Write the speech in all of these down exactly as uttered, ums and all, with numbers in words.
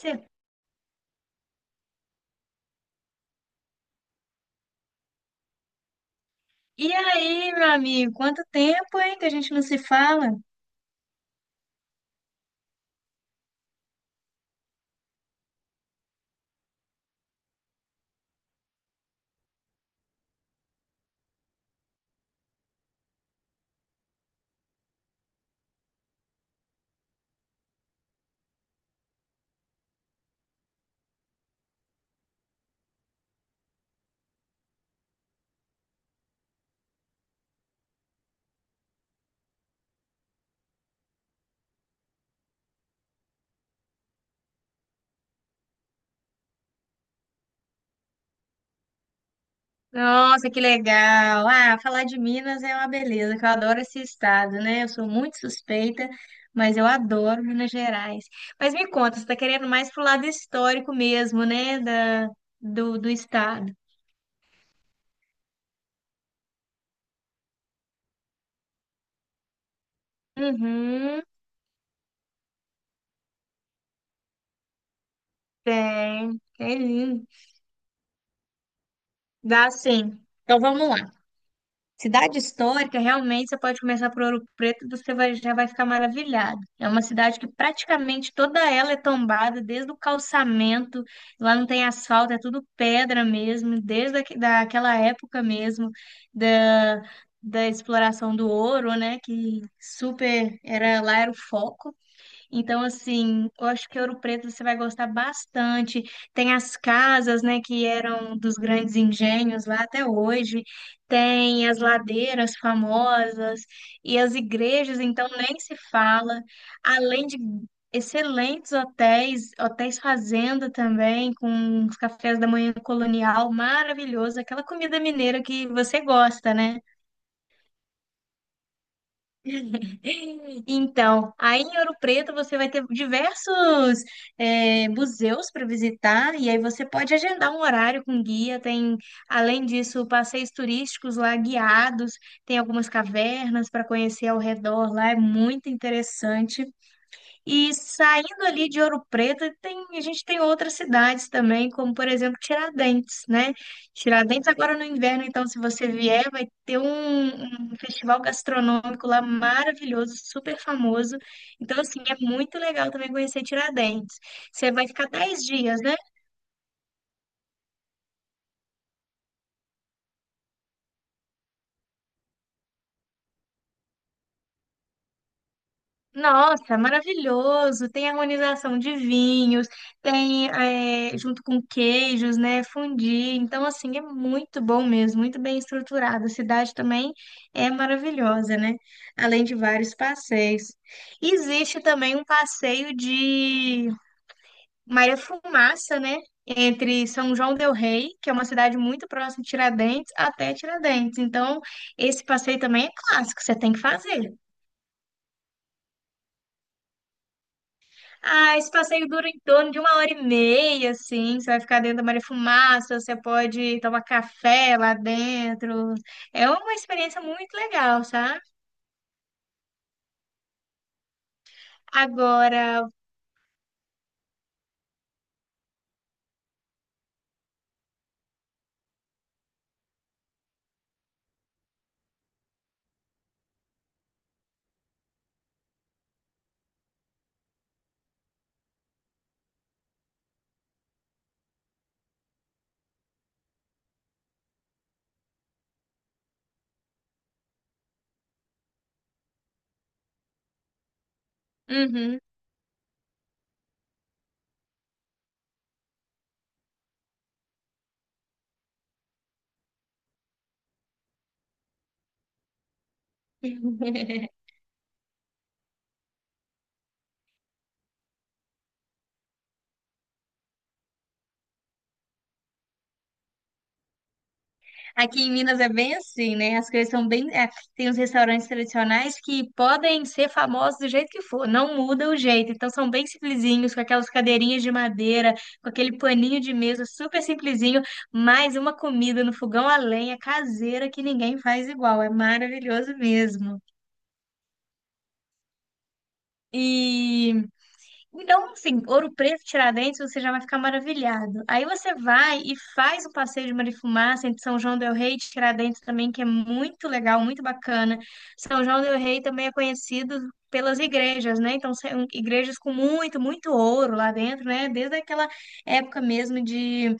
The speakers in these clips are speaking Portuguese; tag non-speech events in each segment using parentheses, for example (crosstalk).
Cê- E aí, meu amigo, quanto tempo, hein, que a gente não se fala? Nossa, que legal! Ah, falar de Minas é uma beleza, que eu adoro esse estado, né? Eu sou muito suspeita, mas eu adoro Minas Gerais. Mas me conta, você tá querendo mais pro lado histórico mesmo, né, da, do, do estado? Uhum, tem, tem lindo. Dá sim. Então vamos lá. Cidade histórica, realmente você pode começar por Ouro Preto e você vai, já vai ficar maravilhado. É uma cidade que praticamente toda ela é tombada, desde o calçamento, lá não tem asfalto, é tudo pedra mesmo, desde aqui- daquela época mesmo da, da exploração do ouro, né? Que super era lá era o foco. Então, assim, eu acho que Ouro Preto você vai gostar bastante. Tem as casas, né, que eram dos grandes engenhos lá até hoje. Tem as ladeiras famosas e as igrejas, então nem se fala. Além de excelentes hotéis, hotéis fazenda também, com os cafés da manhã colonial, maravilhoso, aquela comida mineira que você gosta, né? (laughs) Então, aí em Ouro Preto você vai ter diversos eh, museus para visitar e aí você pode agendar um horário com guia. Tem, além disso, passeios turísticos lá guiados, tem algumas cavernas para conhecer ao redor lá, é muito interessante. E saindo ali de Ouro Preto, tem, a gente tem outras cidades também, como por exemplo Tiradentes, né? Tiradentes agora no inverno, então se você vier, vai ter um, um festival gastronômico lá maravilhoso, super famoso. Então assim, é muito legal também conhecer Tiradentes. Você vai ficar dez dias, né? Nossa, maravilhoso! Tem harmonização de vinhos, tem eh, junto com queijos, né? Fondue. Então, assim, é muito bom mesmo, muito bem estruturado. A cidade também é maravilhosa, né? Além de vários passeios. Existe também um passeio de Maria Fumaça, né? Entre São João del Rei, que é uma cidade muito próxima de Tiradentes, até Tiradentes. Então, esse passeio também é clássico, você tem que fazer. Ah, esse passeio dura em torno de uma hora e meia, assim. Você vai ficar dentro da Maria Fumaça, você pode tomar café lá dentro. É uma experiência muito legal, sabe? Agora, uhum. (laughs) Aqui em Minas é bem assim, né? As coisas são bem. É, tem uns restaurantes tradicionais que podem ser famosos do jeito que for, não muda o jeito. Então são bem simplesinhos, com aquelas cadeirinhas de madeira, com aquele paninho de mesa super simplesinho, mais uma comida no fogão a lenha caseira que ninguém faz igual. É maravilhoso mesmo. E então, assim, Ouro Preto, Tiradentes, você já vai ficar maravilhado. Aí você vai e faz o passeio de Marifumaça entre São João del Rei e Tiradentes também, que é muito legal, muito bacana. São João del Rei também é conhecido pelas igrejas, né? Então, são igrejas com muito, muito ouro lá dentro, né? Desde aquela época mesmo de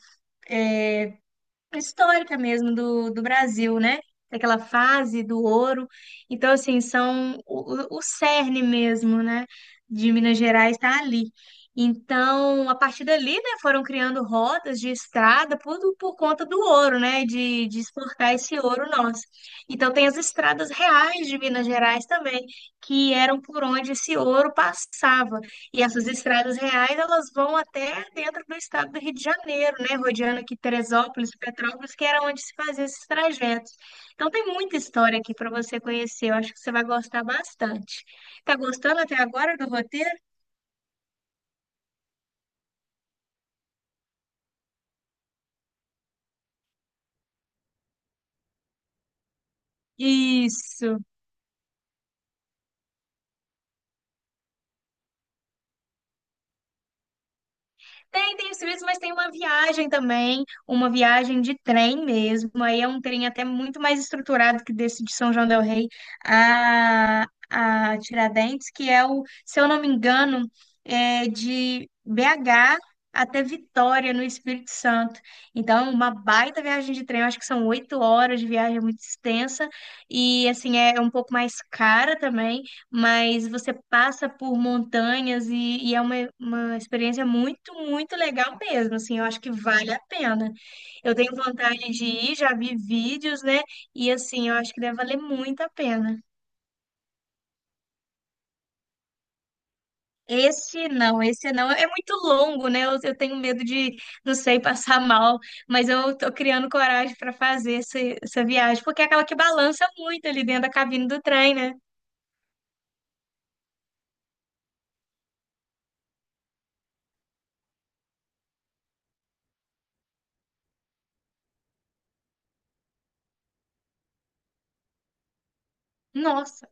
histórica mesmo do, do Brasil, né? Daquela fase do ouro. Então, assim, são o, o o cerne mesmo, né? De Minas Gerais está ali. Então, a partir dali, né, foram criando rotas de estrada por, por conta do ouro, né, de, de exportar esse ouro nosso. Então, tem as estradas reais de Minas Gerais também, que eram por onde esse ouro passava. E essas estradas reais, elas vão até dentro do estado do Rio de Janeiro, né? Rodeando aqui Teresópolis, Petrópolis, que era onde se fazia esses trajetos. Então tem muita história aqui para você conhecer. Eu acho que você vai gostar bastante. Tá gostando até agora do roteiro? Isso. Tem, tem os serviços, mas tem uma viagem também, uma viagem de trem mesmo. Aí é um trem até muito mais estruturado que desse de São João del Rei a, a Tiradentes, que é o, se eu não me engano, é de B agá até Vitória, no Espírito Santo. Então, é uma baita viagem de trem. Eu acho que são oito horas de viagem, é muito extensa. E, assim, é um pouco mais cara também, mas você passa por montanhas e, e é uma, uma experiência muito, muito legal mesmo, assim, eu acho que vale a pena. Eu tenho vontade de ir, já vi vídeos, né? E assim, eu acho que deve valer muito a pena. Esse não, esse não. É muito longo, né? Eu, eu tenho medo de, não sei, (laughs) passar mal, mas eu tô criando coragem para fazer essa, essa viagem, porque é aquela que balança muito ali dentro da cabine do trem, né? Nossa,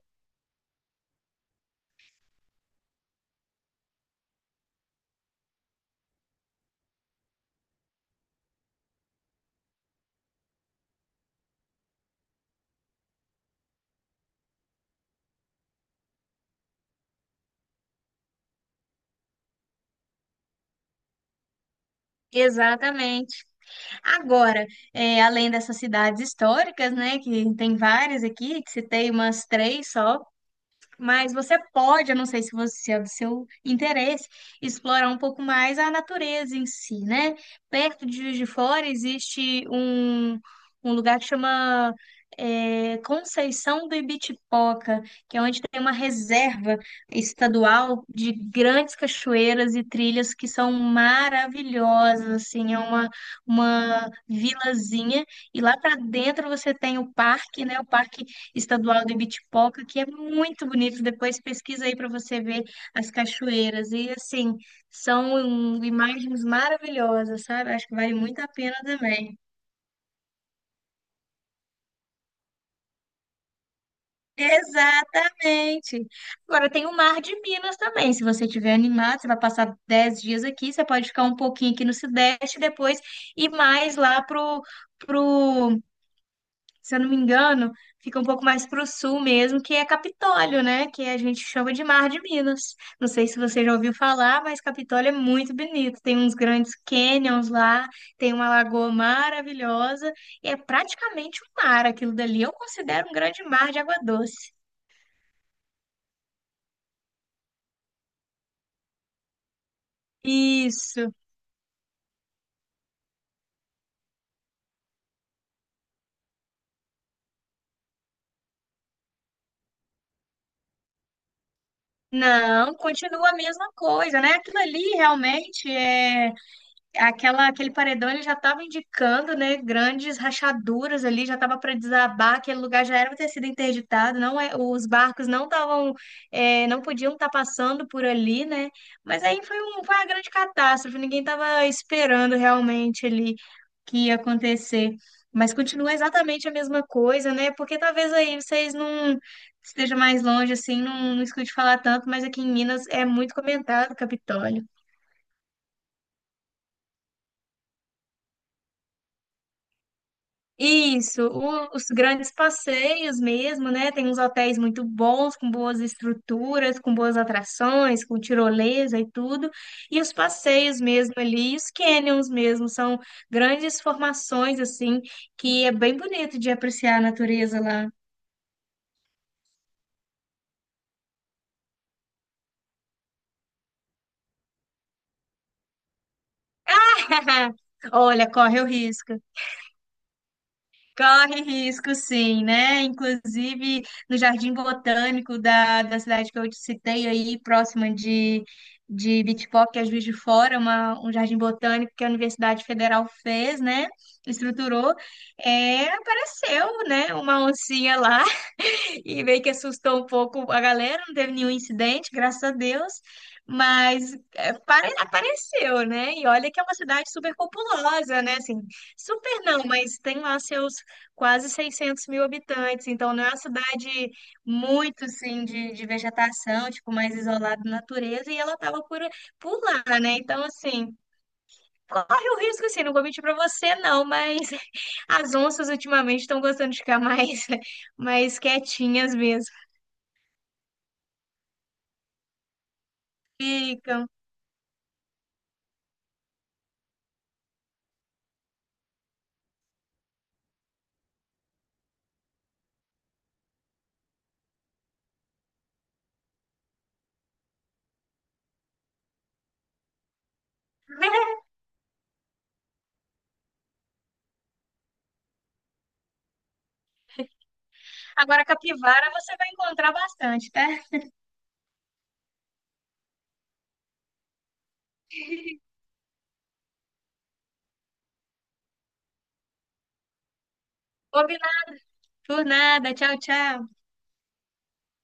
exatamente. Agora, é, além dessas cidades históricas, né, que tem várias aqui, que citei umas três só, mas você pode, eu não sei se você se é do seu interesse, explorar um pouco mais a natureza em si, né? Perto de Juiz de Fora existe um, um lugar que chama eh, Conceição do Ibitipoca, que é onde tem uma reserva estadual de grandes cachoeiras e trilhas que são maravilhosas, assim, é uma, uma vilazinha, e lá para dentro você tem o parque, né? O parque estadual de Bitipoca, que é muito bonito. Depois pesquisa aí para você ver as cachoeiras. E assim, são imagens maravilhosas, sabe? Acho que vale muito a pena também. (laughs) Exatamente. Agora tem o Mar de Minas também. Se você estiver animado, você vai passar dez dias aqui, você pode ficar um pouquinho aqui no Sudeste, depois ir mais lá pro, pro se eu não me engano, fica um pouco mais para o sul mesmo, que é Capitólio, né? Que a gente chama de Mar de Minas. Não sei se você já ouviu falar, mas Capitólio é muito bonito. Tem uns grandes canyons lá, tem uma lagoa maravilhosa, e é praticamente um mar aquilo dali. Eu considero um grande mar de água doce. Isso. Não, continua a mesma coisa, né? Aquilo ali realmente é aquela, aquele paredão ele já estava indicando, né, grandes rachaduras ali, já estava para desabar, aquele lugar já era para ter sido interditado, não é, os barcos não estavam, é, não podiam estar passando por ali, né? Mas aí foi, um, foi uma grande catástrofe, ninguém estava esperando realmente ali que ia acontecer. Mas continua exatamente a mesma coisa, né? Porque talvez aí vocês não estejam mais longe, assim, não, não escute falar tanto, mas aqui em Minas é muito comentado, o Capitólio. Isso, o- os grandes passeios mesmo, né? Tem uns hotéis muito bons, com boas estruturas, com boas atrações, com tirolesa e tudo. E os passeios mesmo ali, e os canyons mesmo, são grandes formações, assim, que é bem bonito de apreciar a natureza lá. (laughs) Olha, corre o risco. Corre risco, sim, né? Inclusive no Jardim Botânico da, da cidade que eu te citei aí, próxima de, de Bitpop, que é Juiz de Fora, uma, um jardim botânico que a Universidade Federal fez, né? Estruturou, é, apareceu, né? Uma oncinha lá e meio que assustou um pouco a galera, não teve nenhum incidente, graças a Deus, mas é, pare- apareceu, né? E olha que é uma cidade super populosa, né? Assim, super não, mas tem lá seus quase seiscentos mil habitantes, então não é uma cidade muito, assim, de, de vegetação, tipo, mais isolada da natureza, e ela estava por, por lá, né? Então, assim, corre o risco, assim, não vou mentir para você, não, mas (laughs) as onças ultimamente estão gostando de ficar mais, (laughs) mais quietinhas mesmo. Ficam. (laughs) Agora, capivara você vai encontrar bastante, tá? Combinado por nada. Tchau, tchau.